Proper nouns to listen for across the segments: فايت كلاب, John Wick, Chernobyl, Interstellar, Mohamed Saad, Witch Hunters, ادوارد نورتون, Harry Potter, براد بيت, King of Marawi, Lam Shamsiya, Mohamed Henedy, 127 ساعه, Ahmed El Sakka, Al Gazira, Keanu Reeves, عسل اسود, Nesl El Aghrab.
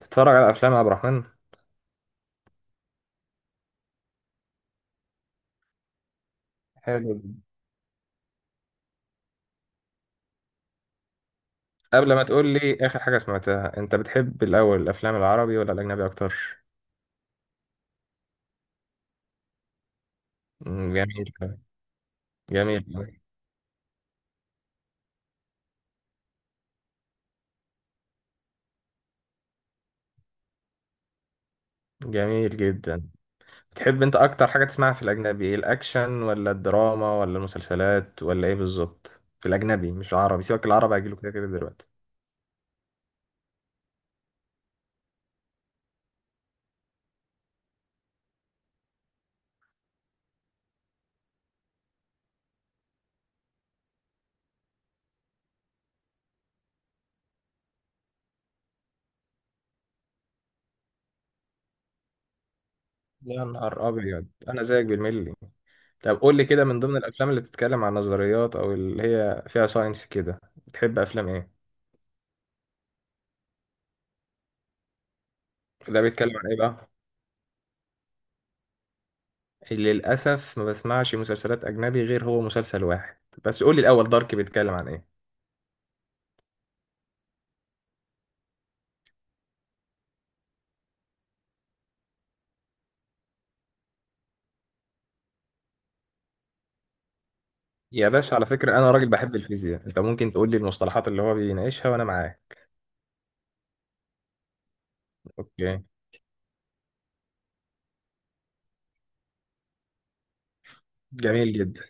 تتفرج على افلام يا عبد الرحمن. حلو جدا. قبل ما تقول لي اخر حاجه سمعتها، انت بتحب الاول الافلام العربي ولا الاجنبي اكتر؟ مم، جميل. جميل. جميل جدا. بتحب انت اكتر حاجه تسمعها في الاجنبي ايه؟ الاكشن ولا الدراما ولا المسلسلات ولا ايه بالظبط في الاجنبي، مش العربي، سيبك العربي هيجيله كده كده دلوقتي. يا نهار ابيض، انا زيك بالملي. طب قول لي كده، من ضمن الافلام اللي بتتكلم عن نظريات او اللي هي فيها ساينس كده، بتحب افلام ايه؟ ده بيتكلم عن ايه بقى؟ للأسف ما بسمعش مسلسلات أجنبي غير هو مسلسل واحد. بس قولي الأول، دارك بيتكلم عن إيه؟ يا باشا، على فكرة أنا راجل بحب الفيزياء، أنت ممكن تقولي المصطلحات اللي هو بيناقشها وأنا معاه. أوكي. جميل جدا،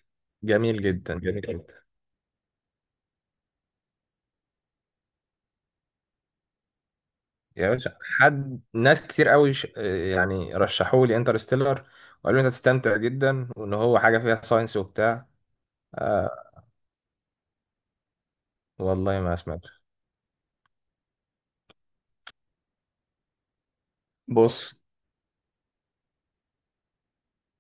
جميل جدا، جميل جدا. يا باشا، حد ناس كتير قوي يعني رشحوا لي انترستيلر، وقالوا لي أنت هتستمتع جدا، وإن هو حاجة فيها ساينس وبتاع. آه، والله ما سمعت. بص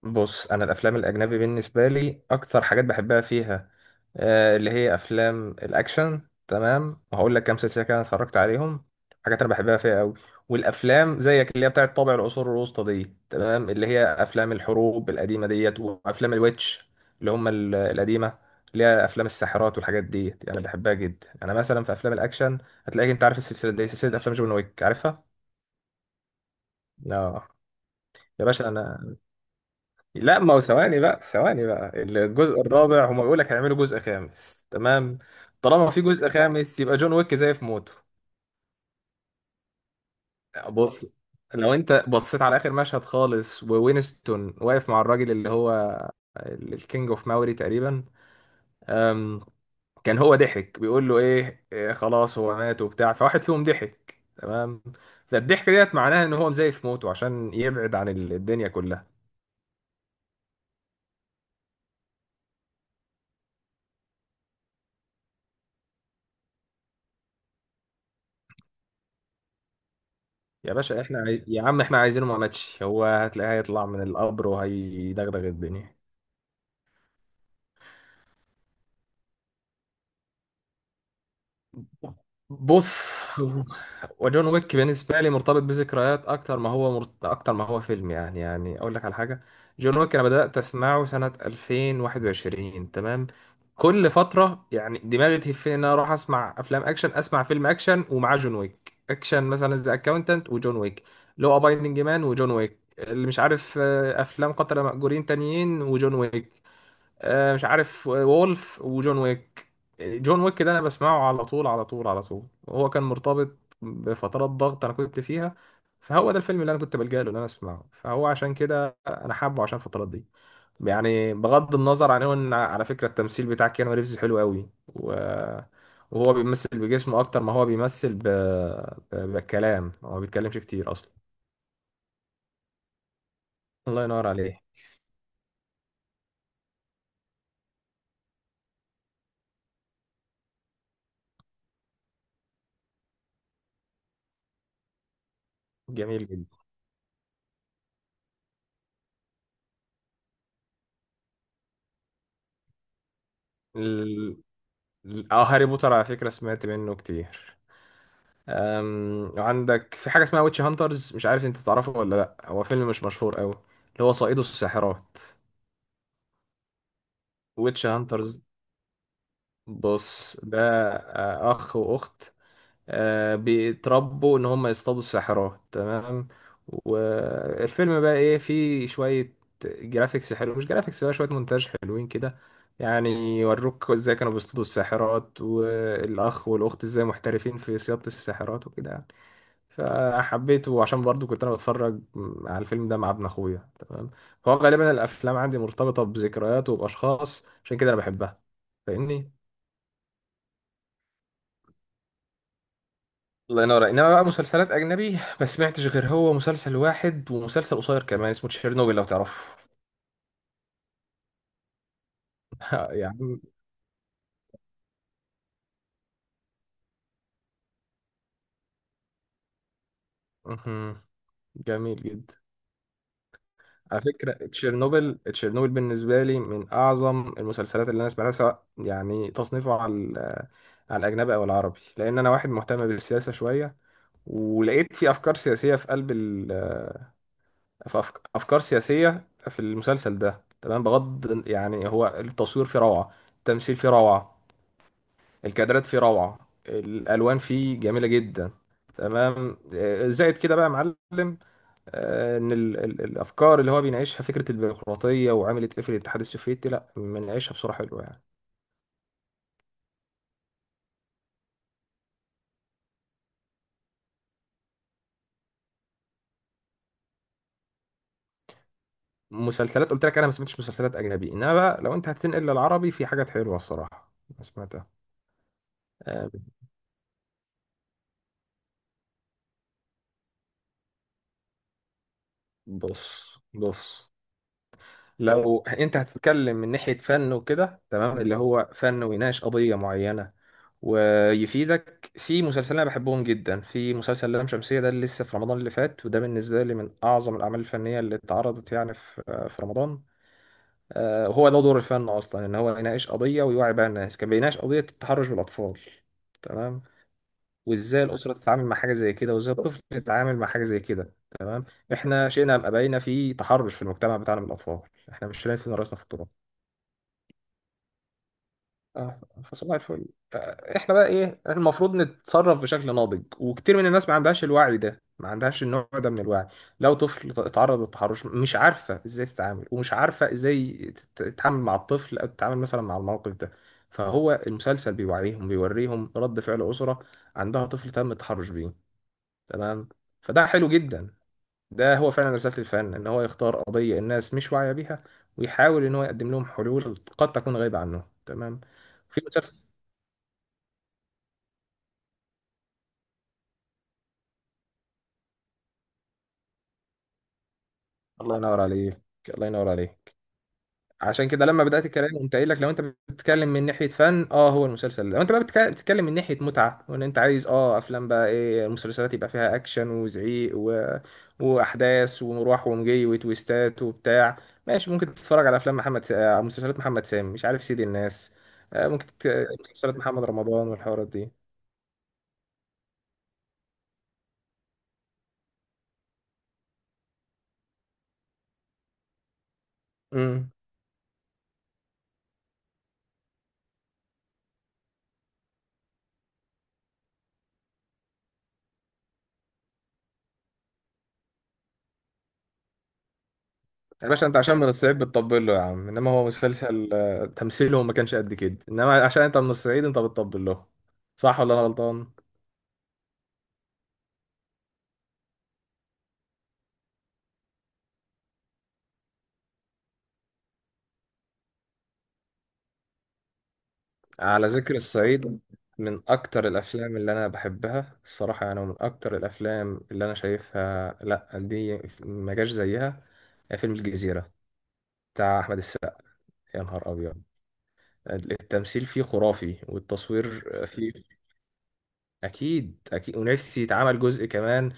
بص انا الافلام الاجنبي بالنسبه لي اكتر حاجات بحبها فيها، آه، اللي هي افلام الاكشن. تمام، وهقول لك كام سلسله كده أنا اتفرجت عليهم، حاجات انا بحبها فيها قوي. والافلام زيك اللي هي بتاعه طابع العصور الوسطى دي، تمام، اللي هي افلام الحروب القديمه ديت وافلام الويتش، اللي هم القديمه، اللي هي افلام الساحرات والحاجات ديت، انا بحبها جدا. انا مثلا في افلام الاكشن هتلاقيك، انت عارف السلسله دي، سلسله افلام جون ويك، عارفها؟ لا يا باشا انا، لا، ما هو ثواني بقى، ثواني بقى، الجزء الرابع هما بيقول لك هيعملوا جزء خامس، تمام؟ طالما في جزء خامس يبقى جون ويك زي في موته. بص، لو انت بصيت على اخر مشهد خالص، ووينستون واقف مع الراجل اللي هو الكينج اوف ماوري تقريبا، أم، كان هو ضحك بيقول له ايه، إيه، خلاص هو مات وبتاع، فواحد فيهم ضحك، تمام. فالضحك ديت معناها ان هو مزيف موته عشان يبعد عن الدنيا كلها. يا باشا احنا يا عم احنا عايزينه ما ماتش، هو هتلاقيه هيطلع من القبر وهيدغدغ الدنيا. بص، وجون ويك بالنسبه لي مرتبط بذكريات اكتر ما هو اكتر ما هو فيلم، يعني يعني اقول لك على حاجه، جون ويك انا بدات اسمعه سنه 2021، تمام. كل فتره يعني دماغي تهفني ان انا اروح اسمع افلام اكشن، اسمع فيلم اكشن ومعاه جون ويك، اكشن مثلا ذا اكاونتنت وجون ويك، لو ابايندنج مان وجون ويك، اللي مش عارف آه، افلام قتله مأجورين تانيين وجون ويك، آه، مش عارف وولف وجون ويك. جون ويك ده انا بسمعه على طول على طول على طول، وهو كان مرتبط بفترات ضغط انا كنت فيها، فهو ده الفيلم اللي انا كنت بلجأ له ان انا اسمعه، فهو عشان كده انا حابه عشان الفترات دي. يعني بغض النظر عن هو، ان على فكره التمثيل بتاع كيانو ريفز حلو قوي، و- وهو بيمثل بجسمه اكتر ما هو بيمثل بالكلام، هو ما بيتكلمش كتير اصلا. الله ينور عليه. جميل جدا. ال... هاري بوتر على فكره سمعت منه كتير. أم، وعندك في حاجة اسمها ويتش هانترز، مش عارف انت تعرفه ولا لأ، هو فيلم مش مشهور قوي، اللي هو صائده الساحرات. ويتش هانترز، بص ده آه، أخ وأخت، آه، بيتربوا إن هم يصطادوا الساحرات، تمام. والفيلم بقى إيه، فيه شوية جرافيكس حلو، مش جرافيكس بقى، شوية مونتاج حلوين كده، يعني يوروك ازاي كانوا بيصطادوا الساحرات، والأخ والأخت ازاي محترفين في صيادة الساحرات وكده. فحبيته عشان برضو كنت انا بتفرج على الفيلم ده مع ابن اخويا، تمام. فهو غالبا الافلام عندي مرتبطه بذكريات وباشخاص، عشان كده انا بحبها، فاهمني؟ الله ينور. انما بقى مسلسلات اجنبي ما سمعتش غير هو مسلسل واحد، ومسلسل قصير كمان اسمه تشيرنوبل، لو تعرفه. يعني مهم. جميل جدا. على فكرة تشيرنوبل، تشيرنوبل بالنسبة لي من أعظم المسلسلات اللي أنا سمعتها، سواء يعني تصنيفه على على الأجنبي أو العربي، لأن أنا واحد مهتم بالسياسة شوية، ولقيت في افكار سياسيه في قلب افكار سياسيه في المسلسل ده، تمام، بغض يعني، هو التصوير فيه روعه، التمثيل فيه روعه، الكادرات فيه روعه، الالوان فيه جميله جدا، تمام، آه، زائد كده بقى يا معلم، آه، ان الافكار اللي هو بيناقشها، فكره البيروقراطيه وعملت ايه في الاتحاد السوفيتي، لا بناقشها بصوره حلوه يعني. مسلسلات قلت لك انا ما سمعتش مسلسلات اجنبي، انما بقى لو انت هتنقل للعربي في حاجات حلوه الصراحه ما سمعتها. آه، بص لو انت هتتكلم من ناحية فن وكده، تمام، اللي هو فن ويناقش قضية معينة ويفيدك، في مسلسلين انا بحبهم جدا، في مسلسل لام شمسية ده اللي لسه في رمضان اللي فات، وده بالنسبة لي من اعظم الاعمال الفنية اللي اتعرضت يعني في في رمضان، آه، وهو ده دور الفن اصلا، ان هو يناقش قضية ويوعي بقى الناس. كان بيناقش قضية التحرش بالاطفال، تمام، وازاي الاسرة تتعامل مع حاجة زي كده، وازاي الطفل يتعامل مع حاجة زي كده. احنا شئنا ام ابينا في تحرش في المجتمع بتاعنا من الاطفال، احنا مش شايفين راسنا في التراب. اه، فصباح الفل. آه، احنا بقى ايه، احنا المفروض نتصرف بشكل ناضج، وكتير من الناس ما عندهاش الوعي ده، ما عندهاش النوع ده من الوعي. لو طفل اتعرض للتحرش، مش عارفه ازاي تتعامل، ومش عارفه ازاي تتعامل مع الطفل، او تتعامل مثلا مع الموقف ده. فهو المسلسل بيوعيهم، بيوريهم رد فعل اسره عندها طفل تم التحرش بيه، تمام، فده حلو جدا. ده هو فعلا رسالة الفن، ان هو يختار قضية الناس مش واعية بيها، ويحاول ان هو يقدم لهم حلول قد تكون غايبة عنهم، تمام. في مسلسل، الله ينور عليك، الله ينور عليك. عشان كده لما بدأت الكلام قمت قايل لك لو انت بتتكلم من ناحية فن، اه، هو المسلسل ده. لو انت بقى بتتكلم من ناحية متعة، وان انت عايز اه افلام بقى ايه، مسلسلات يبقى فيها اكشن وزعيق و... واحداث ومروح ومجي وتويستات وبتاع، ماشي، ممكن تتفرج على افلام آه، مسلسلات محمد سامي، مش عارف سيد الناس، آه، مسلسلات محمد رمضان والحوارات دي. امم. يا باشا انت عشان من الصعيد بتطبل له يا عم، انما هو مسلسل آه، تمثيله ما كانش قد كده، انما عشان انت من الصعيد انت بتطبل له، صح ولا انا غلطان؟ على ذكر الصعيد، من أكتر الأفلام اللي أنا بحبها الصراحة، يعني من أكتر الأفلام اللي أنا شايفها، لأ دي ما جاش زيها، فيلم الجزيرة بتاع أحمد السقا. يا نهار أبيض، التمثيل فيه خرافي والتصوير فيه. أكيد أكيد، ونفسي يتعمل جزء كمان.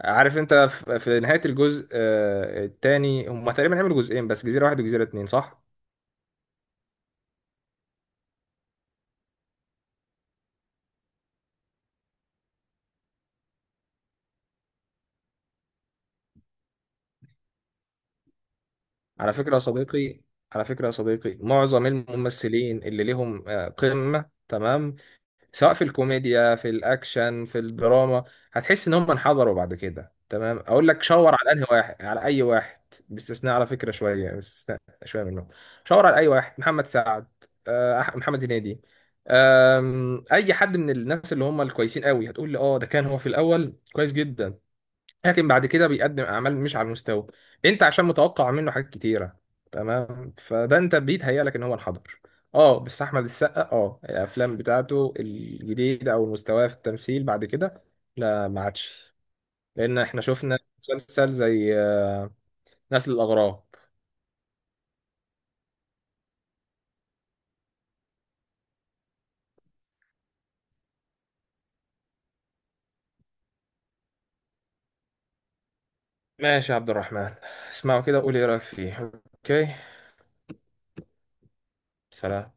عارف أنت في في نهاية الجزء آه، التاني، هما تقريبا عملوا جزئين بس، جزيرة واحد وجزيرة اتنين، صح؟ على فكرة يا صديقي، على فكرة يا صديقي، معظم الممثلين اللي لهم آه، قمة، تمام، سواء في الكوميديا في الأكشن في الدراما، هتحس إن هم انحدروا بعد كده، تمام، أقول لك شاور على أنهي واحد، على أي واحد، باستثناء على فكرة شوية، باستثناء شوية منهم. شاور على أي واحد، محمد سعد، آه، محمد هنيدي، آم، أي حد من الناس اللي هم الكويسين قوي، هتقول لي أه ده كان هو في الأول كويس جدا، لكن بعد كده بيقدم اعمال مش على المستوى. انت عشان متوقع منه حاجات كتيره، تمام، فده انت بيتهيأ لك ان هو انحدر. اه، بس احمد السقا، اه، الافلام بتاعته الجديده او مستواه في التمثيل بعد كده، لا ما عادش، لان احنا شفنا مسلسل زي آه، نسل الاغراب. ماشي يا عبد الرحمن، اسمعوا كده وقولي ايه رايك فيه. اوكي. سلام.